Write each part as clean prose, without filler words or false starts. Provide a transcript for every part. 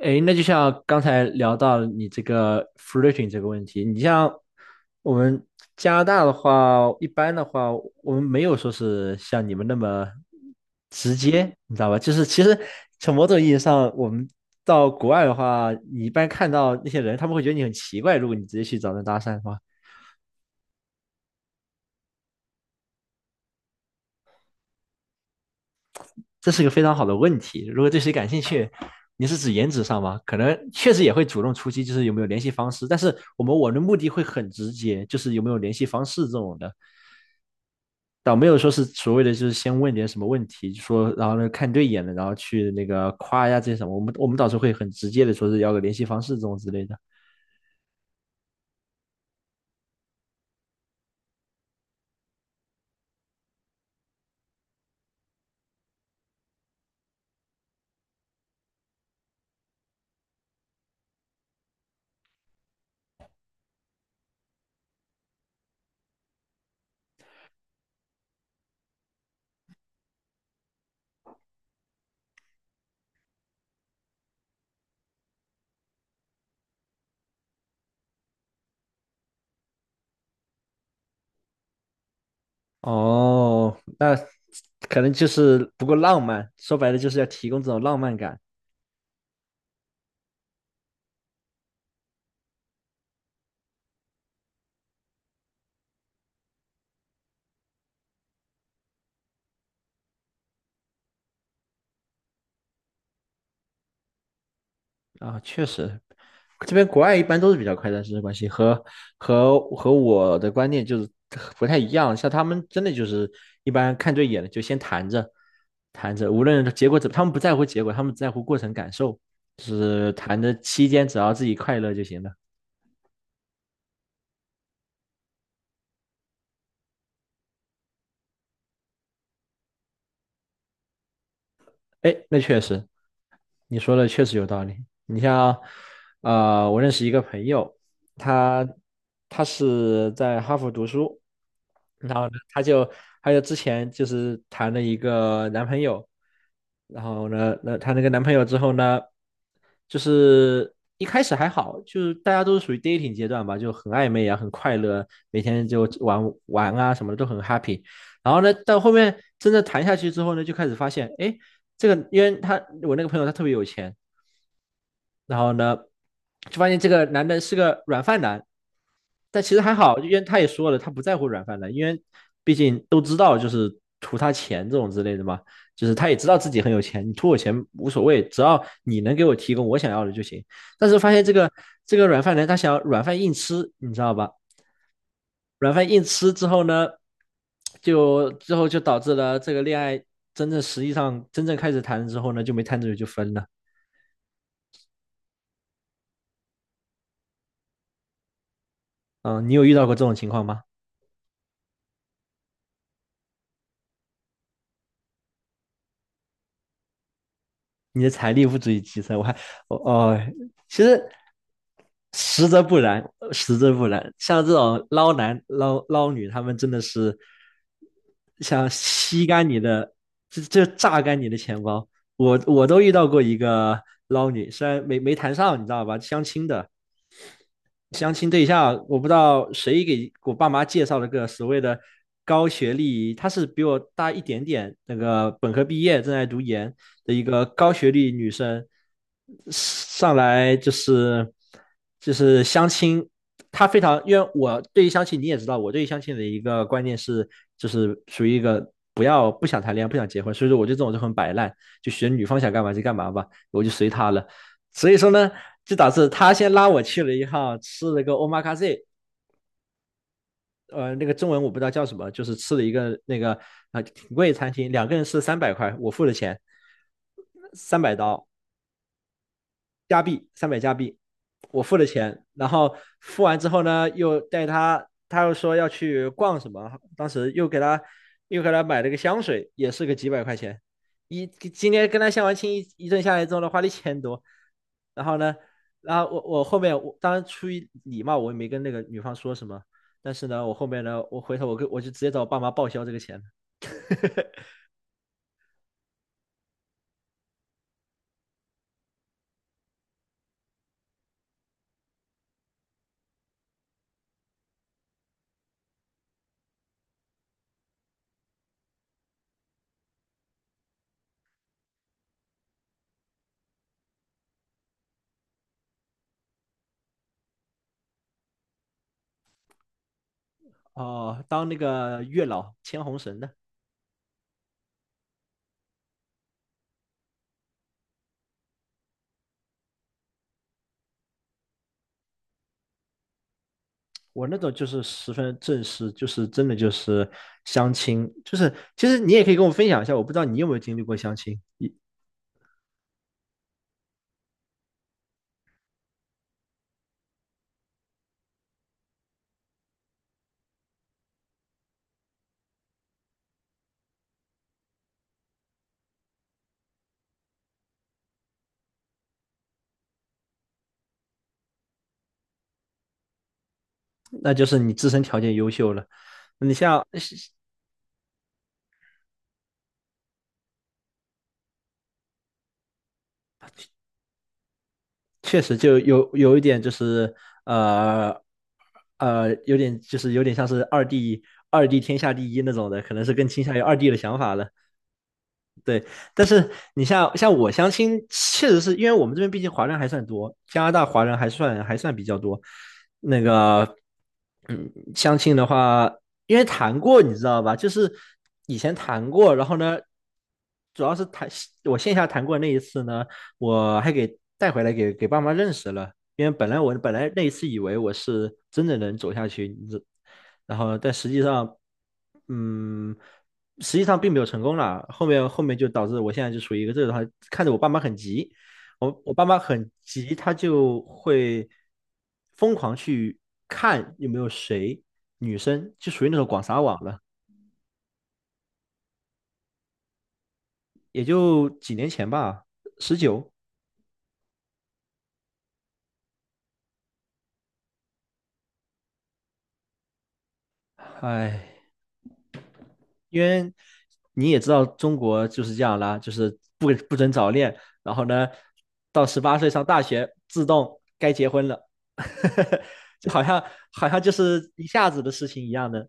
诶，那就像刚才聊到你这个 flirting 这个问题，你像我们加拿大的话，一般的话，我们没有说是像你们那么直接，你知道吧？就是其实从某种意义上，我们到国外的话，你一般看到那些人，他们会觉得你很奇怪，如果你直接去找人搭讪的话。这是一个非常好的问题。如果对谁感兴趣，你是指颜值上吗？可能确实也会主动出击，就是有没有联系方式。但是我的目的会很直接，就是有没有联系方式这种的，倒没有说是所谓的就是先问点什么问题，说然后呢看对眼了，然后去那个夸呀这些什么。我们倒是会很直接的说是要个联系方式这种之类的。哦，那可能就是不够浪漫，说白了就是要提供这种浪漫感。啊，确实，这边国外一般都是比较快的师生关系，和我的观念就是不太一样。像他们真的就是一般看对眼了就先谈着，谈着，无论结果怎么，他们不在乎结果，他们只在乎过程感受，就是谈的期间只要自己快乐就行了。哎，那确实，你说的确实有道理。你像，我认识一个朋友，他他是在哈佛读书，然后呢，他就之前就是谈了一个男朋友，然后呢，那她那个男朋友之后呢，就是一开始还好，就是大家都是属于 dating 阶段吧，就很暧昧啊，很快乐，每天就玩啊什么的都很 happy。然后呢，到后面真的谈下去之后呢，就开始发现，哎，这个，因为他我那个朋友他特别有钱，然后呢，就发现这个男的是个软饭男，但其实还好，因为他也说了，他不在乎软饭男，因为毕竟都知道就是图他钱这种之类的嘛，就是他也知道自己很有钱，你图我钱无所谓，只要你能给我提供我想要的就行。但是发现这个软饭男他想要软饭硬吃，你知道吧？软饭硬吃之后呢，就之后就导致了这个恋爱真正实际上真正开始谈了之后呢，就没谈多久就分了。嗯，你有遇到过这种情况吗？你的财力不足以支撑，我还我哦，其实实则不然，实则不然，像这种捞男捞女，他们真的是想吸干你的，就榨干你的钱包。我都遇到过一个捞女，虽然没谈上，你知道吧，相亲的。相亲对象，我不知道谁给我爸妈介绍了个所谓的高学历，她是比我大一点点，那个本科毕业正在读研的一个高学历女生，上来就是相亲，她非常，因为我对于相亲你也知道，我对于相亲的一个观念是，就是属于一个不想谈恋爱不想结婚，所以说我对这种就很摆烂，就选女方想干嘛就干嘛吧，我就随她了。所以说呢，就导致他先拉我去了一趟吃了个 omakase，那个中文我不知道叫什么，就是吃了一个挺贵的餐厅，两个人吃三百块，我付的钱，三百刀。加币三百加币，我付了钱，然后付完之后呢，又带他，他又说要去逛什么，当时又给他买了个香水，也是个几百块钱，今天跟他相完亲一阵下来之后呢，花了一千多，然后呢，然后我后面我当然出于礼貌，我也没跟那个女方说什么，但是呢，我后面呢，我回头我就直接找我爸妈报销这个钱，哦、当那个月老牵红绳的。我那种就是十分正式，就是真的就是相亲，就是其实你也可以跟我分享一下，我不知道你有没有经历过相亲，那就是你自身条件优秀了，你像确实就有一点就是呃有点有点像是二弟，二弟天下第一那种的，可能是更倾向于二弟的想法了。对，但是你像我相亲，确实是因为我们这边毕竟华人还算多，加拿大华人还算比较多，那个，嗯，相亲的话，因为谈过，你知道吧？就是以前谈过，然后呢，主要是谈我线下谈过那一次呢，我还给带回来给爸妈认识了。因为我本来那一次以为我是真的能走下去，你知然后但实际上，嗯，实际上并没有成功啦。后面就导致我现在就处于一个这种，看着我爸妈很急，我爸妈很急，他就会疯狂去看有没有谁女生，就属于那种广撒网了。也就几年前吧，十九，哎，因为你也知道中国就是这样啦，就是不准早恋，然后呢，到十八岁上大学自动该结婚了，就好像好像就是一下子的事情一样的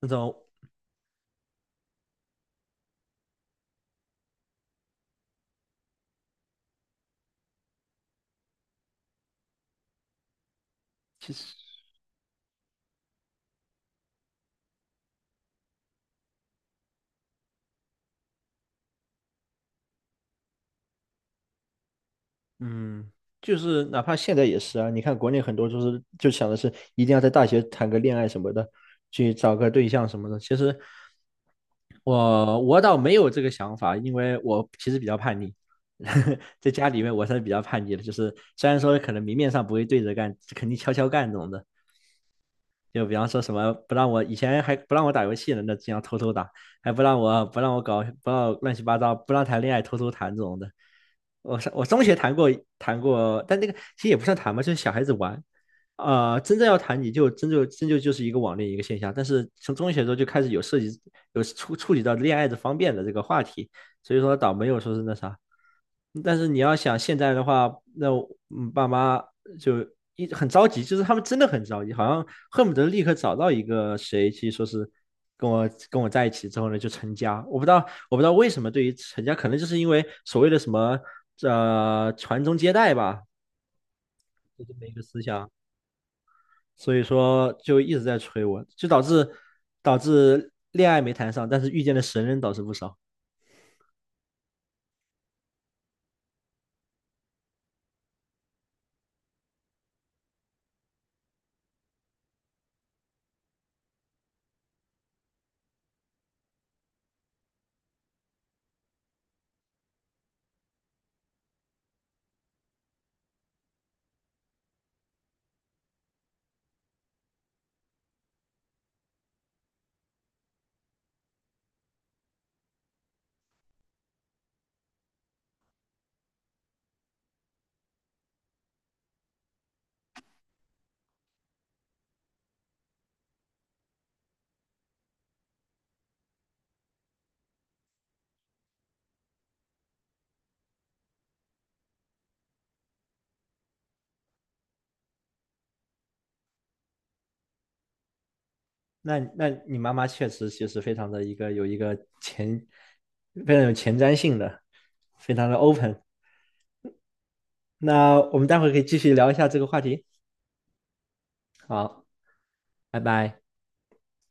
那种，其实嗯，就是哪怕现在也是啊，你看国内很多就是就想的是一定要在大学谈个恋爱什么的，去找个对象什么的。其实我倒没有这个想法，因为我其实比较叛逆，在家里面我算是比较叛逆的，就是虽然说可能明面上不会对着干，肯定悄悄干这种的。就比方说什么不让我以前还不让我打游戏呢，那经常偷偷打，还不让我不让我搞不让我乱七八糟，不让谈恋爱偷偷谈这种的。我中学谈过，但那个其实也不算谈吧，就是小孩子玩。啊、真正要谈你就真就真就就是一个网恋一个现象，但是从中学的时候就开始有涉及有触及到恋爱的方便的这个话题，所以说倒没有说是那啥。但是你要想现在的话，那爸妈就很着急，就是他们真的很着急，好像恨不得立刻找到一个谁去说是跟我在一起之后呢就成家。我不知道为什么对于成家，可能就是因为所谓的什么传宗接代吧，就这么一个思想，所以说就一直在催我，就导致恋爱没谈上，但是遇见的神人倒是不少。那你妈妈确实其实非常的一个有一个前非常有前瞻性的，非常的 open。那我们待会可以继续聊一下这个话题。好，拜拜。